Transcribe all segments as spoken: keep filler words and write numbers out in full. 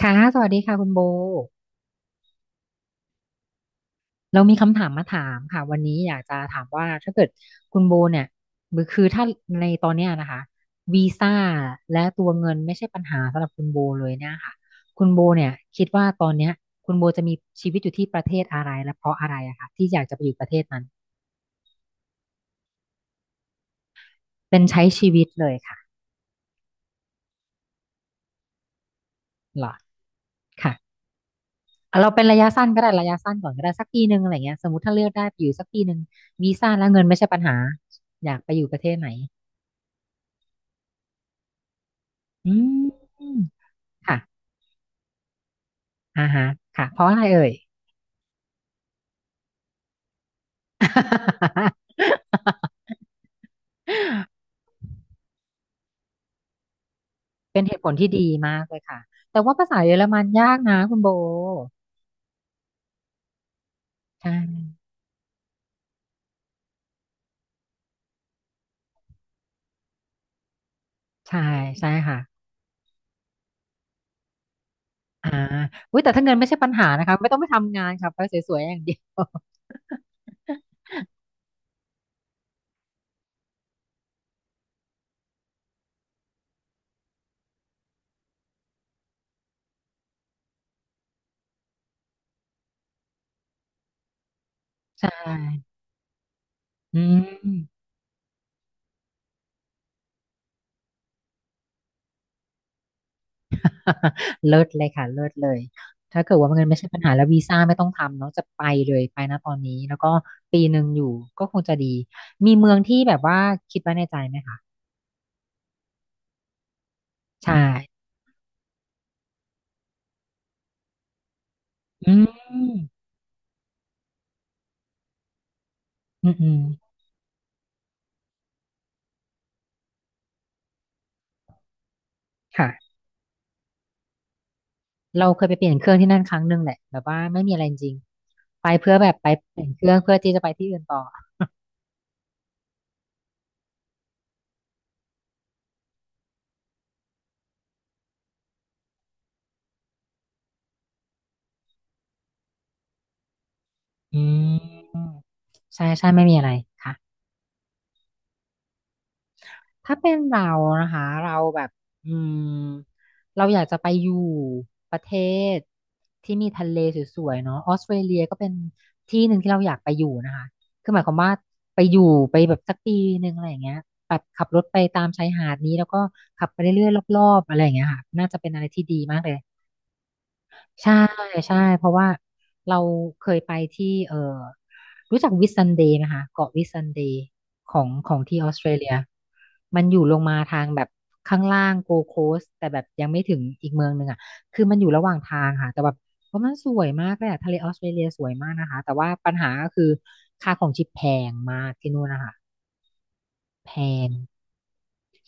ค่ะสวัสดีค่ะคุณโบเรามีคำถามมาถามค่ะวันนี้อยากจะถามว่าถ้าเกิดคุณโบเนี่ยคือถ้าในตอนเนี้ยนะคะวีซ่าและตัวเงินไม่ใช่ปัญหาสำหรับคุณโบเลยเนี่ยค่ะคุณโบเนี่ยคิดว่าตอนเนี้ยคุณโบจะมีชีวิตอยู่ที่ประเทศอะไรและเพราะอะไรอะคะที่อยากจะไปอยู่ประเทศนั้นเป็นใช้ชีวิตเลยค่ะเหรอค่ะเอาเราเป็นระยะสั้นก็ได้ระยะสั้นก่อนก็ได้สักปีหนึ่งอะไรเงี้ยสมมติถ้าเลือกได้ไปอยู่สักปีหนึ่งวีซ่าและเงินไม่ใช่ปัญหาอยากไปอยู่ประเทศไหนอืม ค่ะอ่าฮะค่ะ เพราะอะไรเอ่ย เป็นเหตุผลที่ดีมากเลยค่ะแต่ว่าภาษาเยอรมันยากนะคุณโบใช่ใช่ใช่ค่ะอ่าอุ้ยแต่ถ้าเงินไม่ใช่ปัญหานะคะไม่ต้องไปทำงานค่ะไปสวยๆอย่างเดียว ใช่อืม เลิศเลยค่ะ เลิศเลยถ้าเกิดว่าเงินไม่ใช่ปัญหาแล้ววีซ่าไม่ต้องทำเนาะจะไปเลยไปนะตอนนี้แล้วก็ปีหนึ่งอยู่ก็คงจะดี มีเมืองที่แบบว่าคิดไว้ในใจไหมคะใช่ อืมอืมอืมค่ะเราเคยไปเปลี่ยนเครื่องที่นั่นครั้งหนึ่งแหละแบบว่าไม่มีอะไรจริงๆไปเพื่อแบบไปเปลี่ยนเครื่องเพื่อที่จะไปที่อื่นต่ออืมใช่ใช่ไม่มีอะไรค่ะ ถ้าเป็นเรานะคะเราแบบอืมเราอยากจะไปอยู่ประเทศที่มีทะเลสวยๆเนาะออสเตรเลียก็เป็นที่หนึ่งที่เราอยากไปอยู่นะคะคือหมายความว่าไปอยู่ไปแบบสักปีหนึ่งอะไรอย่างเงี้ยแบบขับรถไปตามชายหาดนี้แล้วก็ขับไปเรื่อยๆรอบๆอะไรอย่างเงี้ยค่ะน่าจะเป็นอะไรที่ดีมากเลย ใช่ใช่เพราะว่าเราเคยไปที่เออรู้จักวิสซันเดย์ไหมคะเกาะวิสซันเดย์ของของที่ออสเตรเลียมันอยู่ลงมาทางแบบข้างล่างโกโคสแต่แบบยังไม่ถึงอีกเมืองหนึ่งอ่ะคือมันอยู่ระหว่างทางค่ะแต่แบบว่ามันสวยมากเลยอะทะเลออสเตรเลียสวยมากนะคะแต่ว่าปัญหาก็คือค่าของชีพแพงมากที่นู่นนะคะแพง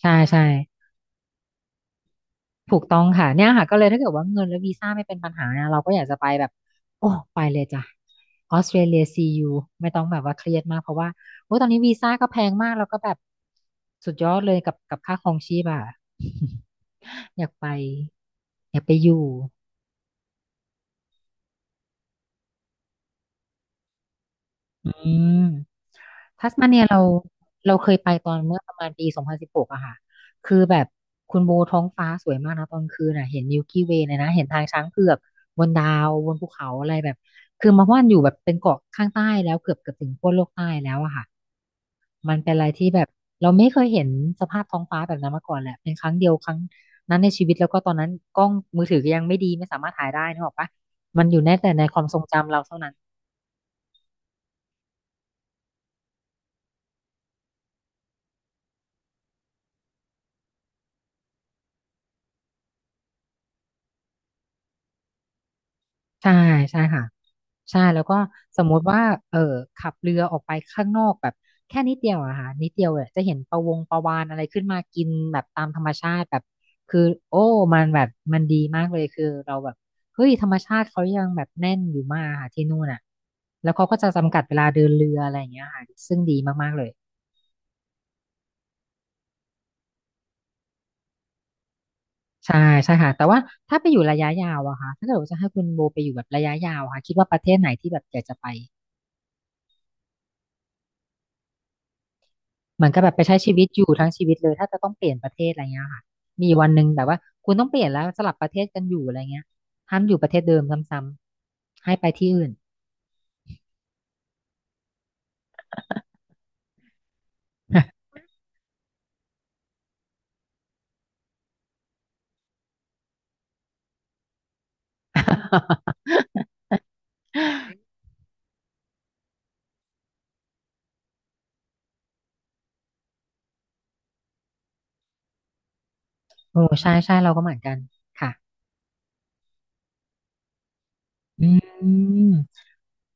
ใช่ใช่ ถูกต้องค่ะเนี่ยค่ะก็เลยถ้าเกิดว่าเงินและวีซ่าไม่เป็นปัญหานะเราก็อยากจะไปแบบโอ้ไปเลยจ้ะออสเตรเลียซียูไม่ต้องแบบว่าเครียดมากเพราะว่าโอ้ตอนนี้วีซ่าก็แพงมากแล้วก็แบบสุดยอดเลยกับกับค่าครองชีพอ่ะ อยากไปอยากไปอยู่อืม ทัสมาเนียเราเราเคยไปตอนเมื่อประมาณปีสองพันสิบหกอะค่ะคือแบบคุณโบท้องฟ้าสวยมากนะตอนกลางคืนอะเห็นมิลกี้เวยเลยนะเห็นทางช้างเผือกบนดาวบนภูเขาอะไรแบบคือมาว่านอยู่แบบเป็นเกาะข้างใต้แล้วเกือบเกือบถึงขั้วโลกใต้แล้วอะค่ะมันเป็นอะไรที่แบบเราไม่เคยเห็นสภาพท้องฟ้าแบบนั้นมาก่อนแหละเป็นครั้งเดียวครั้งนั้นในชีวิตแล้วก็ตอนนั้นกล้องมือถือก็ยังไม่ดีไม่สามารถถ่ายได้นึกออกปะมันอยู่แน่แต่ในความทรงจำเราเท่านั้นใช่ใช่ค่ะ ใช่แล้วก็สมมุติว่าเออขับเรือออกไปข้างนอกแบบแค่นิดเดียวอะค่ะนิดเดียวเนี่ยจะเห็นปะวงปะวาฬอะไรขึ้นมากินแบบตามธรรมชาติแบบคือโอ้มันแบบมันดีมากเลยคือเราแบบเฮ้ยธรรมชาติเขายังแบบแน่นอยู่มากค่ะที่นู่นอะแล้วเขาก็จะจำกัดเวลาเดินเรืออะไรอย่างเงี้ยค่ะซึ่งดีมากๆเลยใช่ใช่ค่ะแต่ว่าถ้าไปอยู่ระยะยาวอะค่ะถ้าเกิดว่าจะให้คุณโบไปอยู่แบบระยะยาวอะค่ะคิดว่าประเทศไหนที่แบบอยากจะไป เหมือนกับแบบไปใช้ชีวิตอยู่ทั้งชีวิตเลยถ้าจะต้องเปลี่ยนประเทศอะไรเงี้ยค่ะมีวันหนึ่งแบบว่าคุณต้องเปลี่ยนแล้วสลับประเทศกันอยู่อะไรเงี้ยห้ามอยู่ประเทศเดิมซ้ำๆให้ไปที่อื่น โอ้ใช่ใช่เราก็เหมือนกันค่ะอืม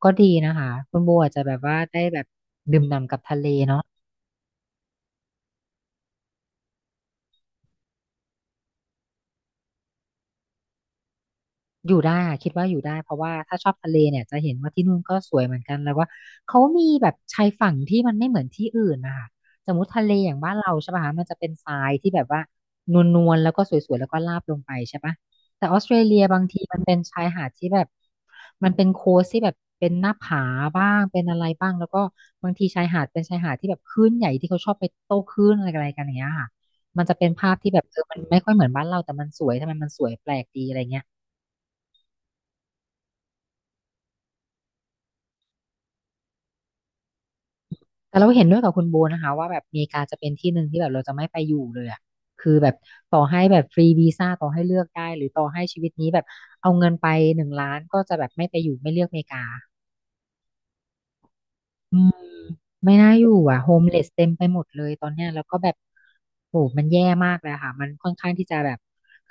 ก็ดีนะคะคุณโบอาจจะแบบว่าได้แบบดื่มด่ำกับทะเลเนาะ อยู่ได้อะคิดว่าอยู่ได้เพราะว่าถ้าชอบทะเลเนี่ยจะเห็นว่าที่นู่นก็สวยเหมือนกันแล้วว่าเขามีแบบชายฝั่งที่มันไม่เหมือนที่อื่นนะคะสมมติทะเลอย่างบ้านเราใช่ป่ะคะมันจะเป็นทรายที่แบบว่านวลๆแล้วก็สวยๆแล้วก็ราบลงไปใช่ป่ะแต่ออสเตรเลียบางทีมันเป็นชายหาดที่แบบมันเป็นโคสที่แบบเป็นหน้าผาบ้างเป็นอะไรบ้างแล้วก็บางทีชายหาดเป็นชายหาดที่แบบคลื่นใหญ่ที่เขาชอบไปโต้คลื่นอะไรกันอะไรกันอย่างเงี้ยค่ะมันจะเป็นภาพที่แบบเออมันไม่ค่อยเหมือนบ้านเราแต่มันสวยทำไมมันสวยแปลกดีอะไรเงี้ย แต่เราเห็นด้วยกับคุณโบนะคะว่าแบบอเมริกาจะเป็นที่หนึ่งที่แบบเราจะไม่ไปอยู่เลยอ่ะคือแบบต่อให้แบบฟรีวีซ่าต่อให้เลือกได้หรือต่อให้ชีวิตนี้แบบเอาเงินไปหนึ่งล้านก็จะแบบไม่ไปอยู่ไม่เลือกอเมริกา ไม่น่าอยู่อ่ะโฮมเลสเต็มไปหมดเลยตอนเนี้ยแล้วก็แบบโหมันแย่มากเลยค่ะมันค่อนข้างที่จะแบบ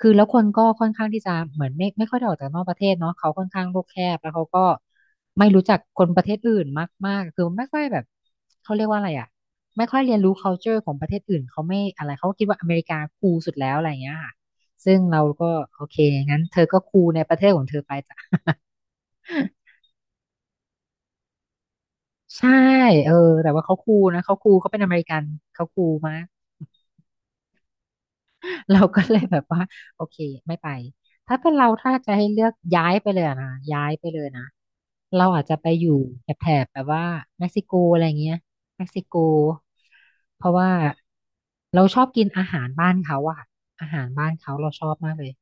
คือแล้วคนก็ค่อนข้างที่จะเหมือนไม่ไม่ค่อยได้ออกจากนอกประเทศเนาะเขาค่อนข้างโลกแคบแล้วเขาก็ไม่รู้จักคนประเทศอื่นมากมากคือไม่ค่อยแบบเขาเรียกว่าอะไรอ่ะไม่ค่อยเรียนรู้ culture ของประเทศอื่นเขาไม่อะไรเขาคิดว่าอเมริกาคูลสุดแล้วอะไรอย่างเงี้ยค่ะซึ่งเราก็โอเคงั้นเธอก็คูลในประเทศของเธอไปจ้ะ ใช่เออแต่ว่าเขาคูลนะเขาคูลเขาเป็นอเมริกันเขาคูลมาก เราก็เลยแบบว่าโอเคไม่ไปถ้าเป็นเราถ้าจะให้เลือกย้ายไปเลยอะนะย้ายไปเลยนะเราอาจจะไปอยู่แถบแถบแบบว่าเม็กซิโกอะไรเงี้ยเม็กซิโกเพราะว่าเราชอบกินอาหารบ้านเขาอะค่ะอาหารบ้านเขาเราชอบมากเลย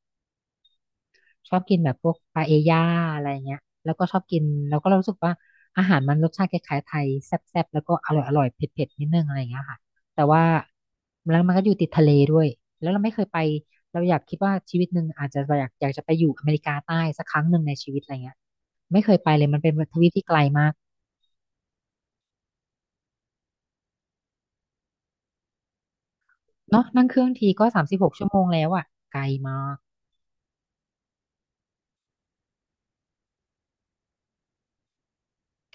ชอบกินแบบพวกปาเอย่าอะไรเงี้ยแล้วก็ชอบกินแล้วก็เรารู้สึกว่าอาหารมันรสชาติคล้ายๆไทยแซ่บๆแล้วก็อร่อยอร่อยเผ็ดๆนิดนึงอะไรเงี้ยค่ะแต่ว่าแล้วมันก็อยู่ติดทะเลด้วยแล้วเราไม่เคยไปเราอยากคิดว่าชีวิตหนึ่งอาจจะอยากอยากจะไปอยู่อเมริกาใต้สักครั้งหนึ่งในชีวิตอะไรเงี้ยไม่เคยไปเลยมันเป็นทวีปที่ไกลมากเนาะนั่งเครื่องทีก็สามสิบหกชั่วโมงแล้วอ่ะไกลมาก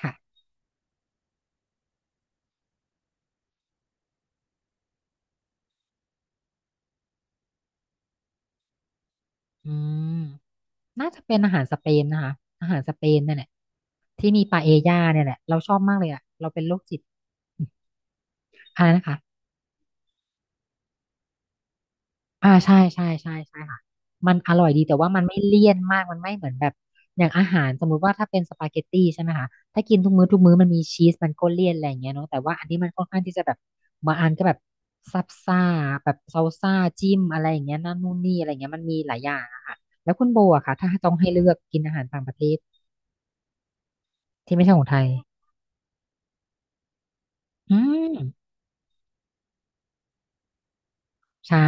ค่ะอืม น่าจะเป็นอาหารสเปนนะคะอาหารสเปนเนี่ยแหละที่มีปาเอญ่าเนี่ยแหละเราชอบมากเลยอ่ะเราเป็นโรคจิตอะไรนะคะอ่าใช่ใช่ใช่ใช่ค่ะมันอร่อยดีแต่ว่ามันไม่เลี่ยนมากมันไม่เหมือนแบบอย่างอาหารสมมุติว่าถ้าเป็นสปาเกตตี้ใช่ไหมคะถ้ากินทุกมื้อทุกมื้อมันมีชีสมันก็เลี่ยนอะไรอย่างเงี้ยเนาะแต่ว่าอันนี้มันค่อนข้างที่จะแบบบางอันก็แบบซับซ่าแบบซาซ่าจิ้มอะไรอย่างเงี้ยนั่นนู่นนี่อะไรอย่างเงี้ยมันมีหลายอย่างอะค่ะแล้วคุณโบอะค่ะถ้าต้องให้เลือกกินอาหารต่างประเทศที่ไม่ใช่ของไทยอืม ใช่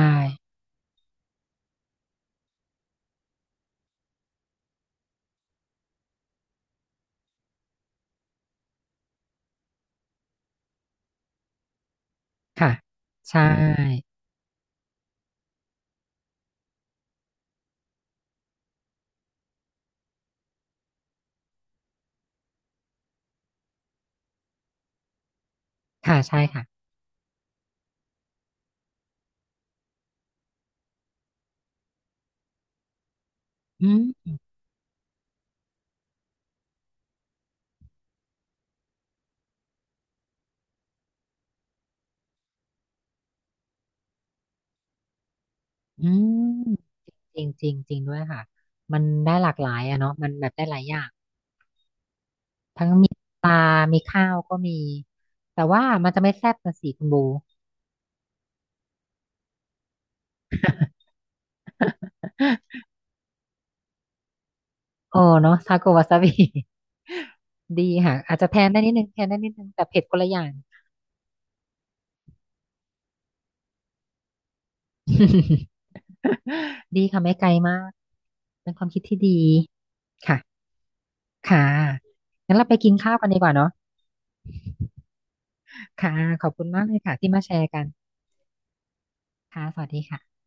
ค่ะใช่ค่ะใช่ค่ะอืมอืมจริงจริงจริงด้วยค่ะมันได้หลากหลายอะเนาะมันแบบได้หลายอย่างทั้งมีปลามีข้าวก็มีแต่ว่ามันจะไม่แซ่บนะสิคุณบู โอ้เนาะทาโกวาซาบิ ดีค่ะอาจจะแทนได้นิดนึงแทนได้นิดนึงแต่เผ็ดคนละอย่าง ดีค่ะไม่ไกลมากเป็นความคิดที่ดีค่ะค่ะงั้นเราไปกินข้าวกันดีกว่าเนาะ ค่ะขอบคุณมากเลยค่ะที่มาแชร์กันค่ะสวัสดีค่ะ